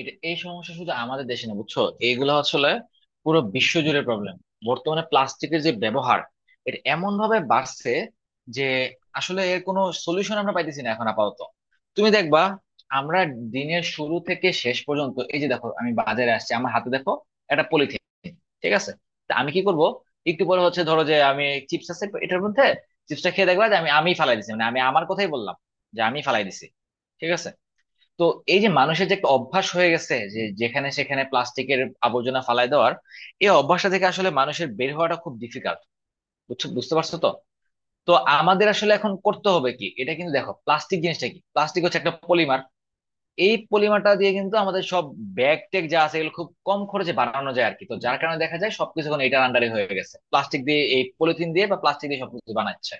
এটা এই সমস্যা শুধু আমাদের দেশে না, বুঝছো? এইগুলো আসলে পুরো বিশ্বজুড়ে প্রবলেম। বর্তমানে প্লাস্টিকের যে ব্যবহার, এটা এমন ভাবে বাড়ছে যে আসলে এর কোনো সলিউশন আমরা পাইতেছি না এখন আপাতত। তুমি দেখবা, আমরা দিনের শুরু থেকে শেষ পর্যন্ত, এই যে দেখো আমি বাজারে আসছি, আমার হাতে দেখো একটা পলিথিন। ঠিক আছে, তা আমি কি করব? একটু পরে হচ্ছে, ধরো যে আমি, চিপস আছে এটার মধ্যে, চিপসটা খেয়ে দেখবা যে আমি আমি ফালাই দিছি, মানে আমি আমার কথাই বললাম যে আমি ফালাই দিছি। ঠিক আছে, তো এই যে মানুষের যে একটা অভ্যাস হয়ে গেছে, যে যেখানে সেখানে প্লাস্টিকের আবর্জনা ফালায় দেওয়ার, এই অভ্যাসটা থেকে আসলে মানুষের বের হওয়াটা খুব ডিফিকাল্ট। বুঝছো? বুঝতে পারছো তো? তো আমাদের আসলে এখন করতে হবে কি, এটা কিন্তু দেখো, প্লাস্টিক জিনিসটা কি? প্লাস্টিক হচ্ছে একটা পলিমার। এই পলিমারটা দিয়ে কিন্তু আমাদের সব ব্যাগ টেক যা আছে এগুলো খুব কম খরচে বানানো যায় আর কি, তো যার কারণে দেখা যায় সবকিছু এখন এটার আন্ডারে হয়ে গেছে, প্লাস্টিক দিয়ে, এই পলিথিন দিয়ে বা প্লাস্টিক দিয়ে সবকিছু বানাচ্ছে।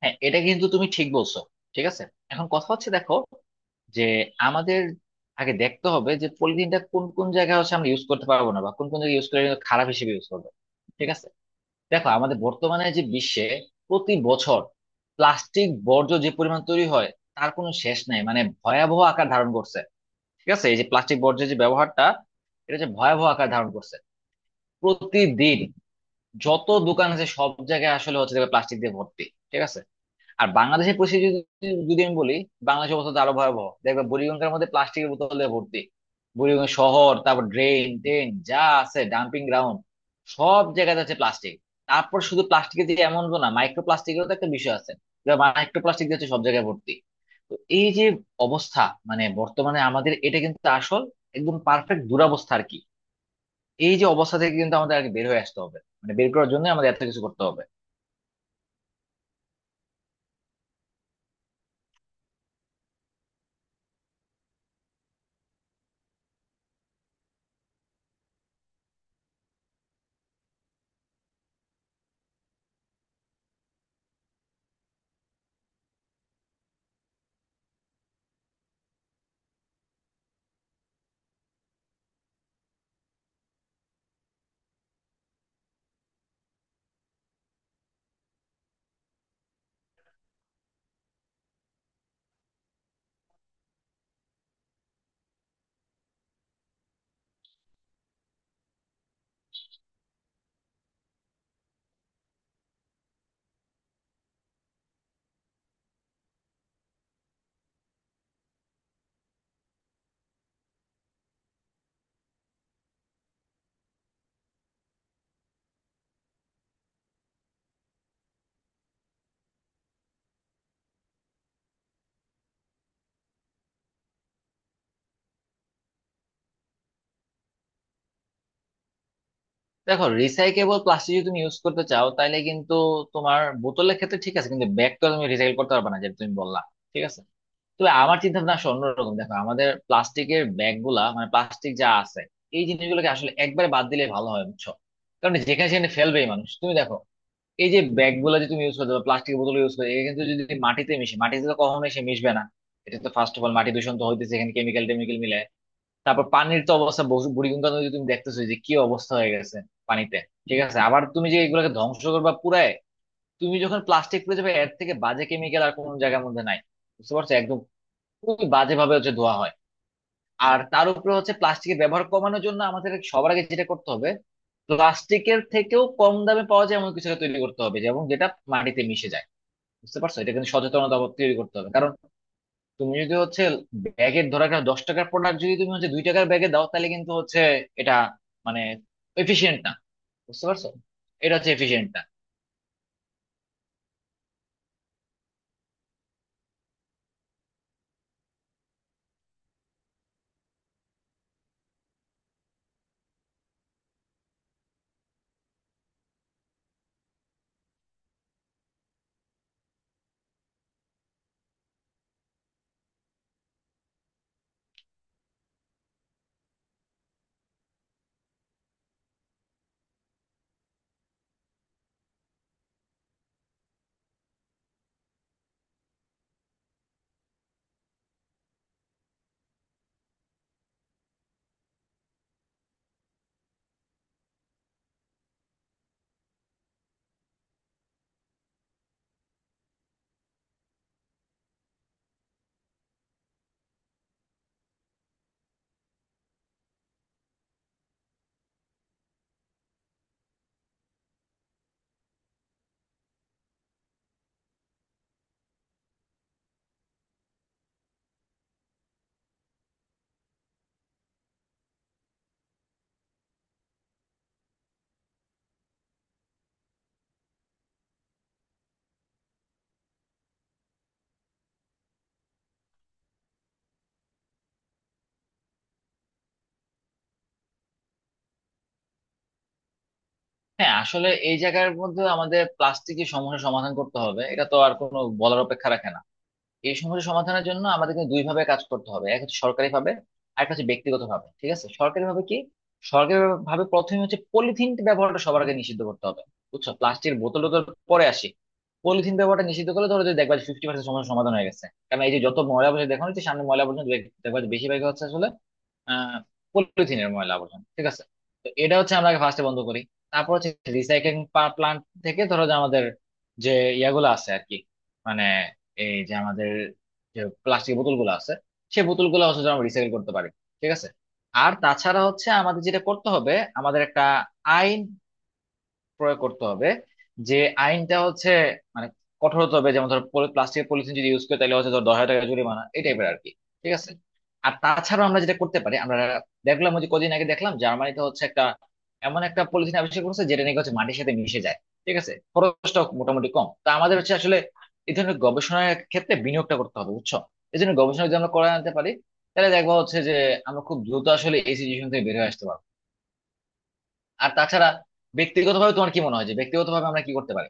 হ্যাঁ, এটা কিন্তু তুমি ঠিক বলছো। ঠিক আছে, এখন কথা হচ্ছে দেখো, যে আমাদের আগে দেখতে হবে যে পলিথিনটা কোন কোন জায়গায় হচ্ছে আমরা ইউজ করতে পারবো না, বা কোন কোন জায়গায় ইউজ করলে কিন্তু খারাপ হিসেবে ইউজ করবো। ঠিক আছে, দেখো আমাদের বর্তমানে যে বিশ্বে প্রতি বছর প্লাস্টিক বর্জ্য যে পরিমাণ তৈরি হয়, তার কোনো শেষ নাই, মানে ভয়াবহ আকার ধারণ করছে। ঠিক আছে, এই যে প্লাস্টিক বর্জ্যের যে ব্যবহারটা, এটা যে ভয়াবহ আকার ধারণ করছে, প্রতিদিন যত দোকান আছে সব জায়গায় আসলে হচ্ছে প্লাস্টিক দিয়ে ভর্তি। ঠিক আছে, আর বাংলাদেশের পরিস্থিতি যদি, যদি আমি বলি, বাংলাদেশের অবস্থা তো আরো ভয়াবহ, দেখবে বুড়িগঙ্গার মধ্যে প্লাস্টিকের বোতলে ভর্তি। বুড়িগঙ্গা শহর, তারপর ড্রেন টেন যা আছে, ডাম্পিং গ্রাউন্ড, সব জায়গায় আছে প্লাস্টিক। তারপর শুধু প্লাস্টিকের যে এমন তো না, মাইক্রো প্লাস্টিকেরও তো একটা বিষয় আছে। মাইক্রো প্লাস্টিক দিয়ে হচ্ছে সব জায়গায় ভর্তি। তো এই যে অবস্থা, মানে বর্তমানে আমাদের, এটা কিন্তু আসল, একদম পারফেক্ট দুরবস্থা আর কি। এই যে অবস্থা থেকে কিন্তু আমাদের আর কি বের হয়ে আসতে হবে, মানে বের করার জন্য আমাদের এত কিছু করতে হবে। দেখো, রিসাইকেবল প্লাস্টিক যদি তুমি ইউজ করতে চাও, তাহলে কিন্তু তোমার বোতলের ক্ষেত্রে ঠিক আছে, কিন্তু ব্যাগ তো তুমি রিসাইকেল করতে পারবে না, যেটা তুমি বললা। ঠিক আছে, তবে আমার চিন্তা ভাবনা আসলে অন্যরকম। দেখো, আমাদের প্লাস্টিকের ব্যাগ গুলা মানে প্লাস্টিক যা আছে, এই জিনিসগুলোকে আসলে একবারে বাদ দিলে ভালো হয়, বুঝছো? কারণ যেখানে সেখানে ফেলবেই মানুষ, তুমি দেখো এই যে ব্যাগ গুলো যে তুমি ইউজ করতে বা প্লাস্টিকের বোতল ইউজ করতে, কিন্তু যদি মাটিতে মিশে, মাটিতে তো কখনোই সে মিশবে না। এটা তো ফার্স্ট অফ অল মাটি দূষণ তো হইতেছে, এখানে কেমিক্যাল টেমিক্যাল মিলে। তারপর পানির তো অবস্থা, বুড়িগঙ্গা নদী তুমি দেখতেছো যে কি অবস্থা হয়ে গেছে পানিতে। ঠিক আছে, আবার তুমি যে এগুলোকে ধ্বংস করবা পুরায়, তুমি যখন প্লাস্টিক পুড়ে যাবে, এর থেকে বাজে কেমিক্যাল আর কোনো জায়গার মধ্যে নাই। বুঝতে পারছো? একদম খুবই বাজে ভাবে হচ্ছে ধোয়া হয়। আর তার উপরে হচ্ছে, প্লাস্টিকের ব্যবহার কমানোর জন্য আমাদের সবার আগে যেটা করতে হবে, প্লাস্টিকের থেকেও কম দামে পাওয়া যায় এমন কিছু একটা তৈরি করতে হবে, যেমন যেটা মাটিতে মিশে যায়। বুঝতে পারছো? এটা কিন্তু সচেতনতা তৈরি করতে হবে, কারণ তুমি যদি হচ্ছে ব্যাগের ধরো একটা 10 টাকার প্রোডাক্ট যদি তুমি হচ্ছে 2 টাকার ব্যাগে দাও, তাহলে কিন্তু হচ্ছে এটা মানে এফিশিয়েন্ট না। বুঝতে পারছো? এটা হচ্ছে এফিশিয়েন্ট না। হ্যাঁ, আসলে এই জায়গার মধ্যে আমাদের প্লাস্টিকের সমস্যা সমাধান করতে হবে, এটা তো আর কোনো বলার অপেক্ষা রাখে না। এই সমস্যা সমাধানের জন্য আমাদের কিন্তু দুই ভাবে কাজ করতে হবে, এক হচ্ছে সরকারি ভাবে, আর একটা হচ্ছে ব্যক্তিগত ভাবে। ঠিক আছে, সরকারি ভাবে কি, সরকারি ভাবে প্রথমে হচ্ছে পলিথিন ব্যবহারটা সবার আগে নিষিদ্ধ করতে হবে। বুঝছো, প্লাস্টিকের বোতল টোতল পরে আসি। পলিথিন ব্যবহারটা নিষিদ্ধ করলে ধরো যে দেখবা 50% সমস্যা সমাধান হয়ে গেছে, কারণ এই যে যত ময়লা আবর্জনা দেখো না, যে সামনে ময়লা আবর্জনা দেখবা যে বেশিরভাগ হচ্ছে আসলে আহ পলিথিনের ময়লা আবর্জনা। ঠিক আছে, তো এটা হচ্ছে আমরা আগে ফার্স্টে বন্ধ করি। তারপর হচ্ছে রিসাইক্লিং প্লান্ট থেকে ধরো যে আমাদের, যে ইয়াগুলো আছে আর কি, মানে এই যে আমাদের যে প্লাস্টিকের বোতল গুলো আছে, সেই বোতল গুলো হচ্ছে যে আমরা রিসাইকেল করতে পারি। ঠিক আছে, আর তাছাড়া হচ্ছে আমাদের যেটা করতে হবে, আমাদের একটা আইন প্রয়োগ করতে হবে, যে আইনটা হচ্ছে মানে কঠোর হতে হবে। যেমন ধর প্লাস্টিকের পলিথিন যদি ইউজ করে, তাহলে হচ্ছে ধর 10,000 টাকা জরিমানা, এই টাইপের আর কি। ঠিক আছে, আর তাছাড়া আমরা যেটা করতে পারি, আমরা দেখলাম ওই যে কদিন আগে দেখলাম জার্মানিতে হচ্ছে একটা, এমন একটা পলিথিন আবিষ্কার করেছে যেটা নাকি হচ্ছে মাটির সাথে মিশে যায়। ঠিক আছে, খরচটা মোটামুটি কম, তা আমাদের হচ্ছে আসলে এই ধরনের গবেষণার ক্ষেত্রে বিনিয়োগটা করতে হবে। বুঝছো? এই জন্য গবেষণা যদি আমরা করে আনতে পারি, তাহলে দেখবো হচ্ছে যে আমরা খুব দ্রুত আসলে এই সিচুয়েশন থেকে বের হয়ে আসতে পারবো। আর তাছাড়া ব্যক্তিগতভাবে তোমার কি মনে হয়, যে ব্যক্তিগতভাবে আমরা কি করতে পারি?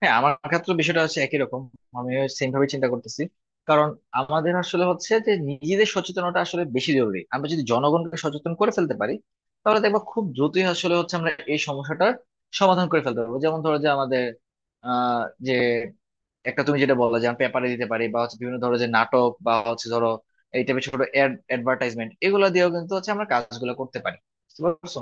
হ্যাঁ, আমার ক্ষেত্রে বিষয়টা হচ্ছে একই রকম, আমি সেম ভাবে চিন্তা করতেছি। কারণ আমাদের আসলে হচ্ছে যে নিজেদের সচেতনতা আসলে বেশি জরুরি। আমরা যদি জনগণকে সচেতন করে ফেলতে পারি, তাহলে দেখবো খুব দ্রুতই আসলে হচ্ছে আমরা এই সমস্যাটার সমাধান করে ফেলতে পারবো। যেমন ধরো যে আমাদের, যে একটা, তুমি যেটা বললে যে আমি পেপারে দিতে পারি, বা হচ্ছে বিভিন্ন ধরো যে নাটক, বা হচ্ছে ধরো এই টাইপের ছোট অ্যাডভার্টাইজমেন্ট, এগুলো দিয়েও কিন্তু হচ্ছে আমরা কাজগুলো করতে পারি। বুঝতে পারছো?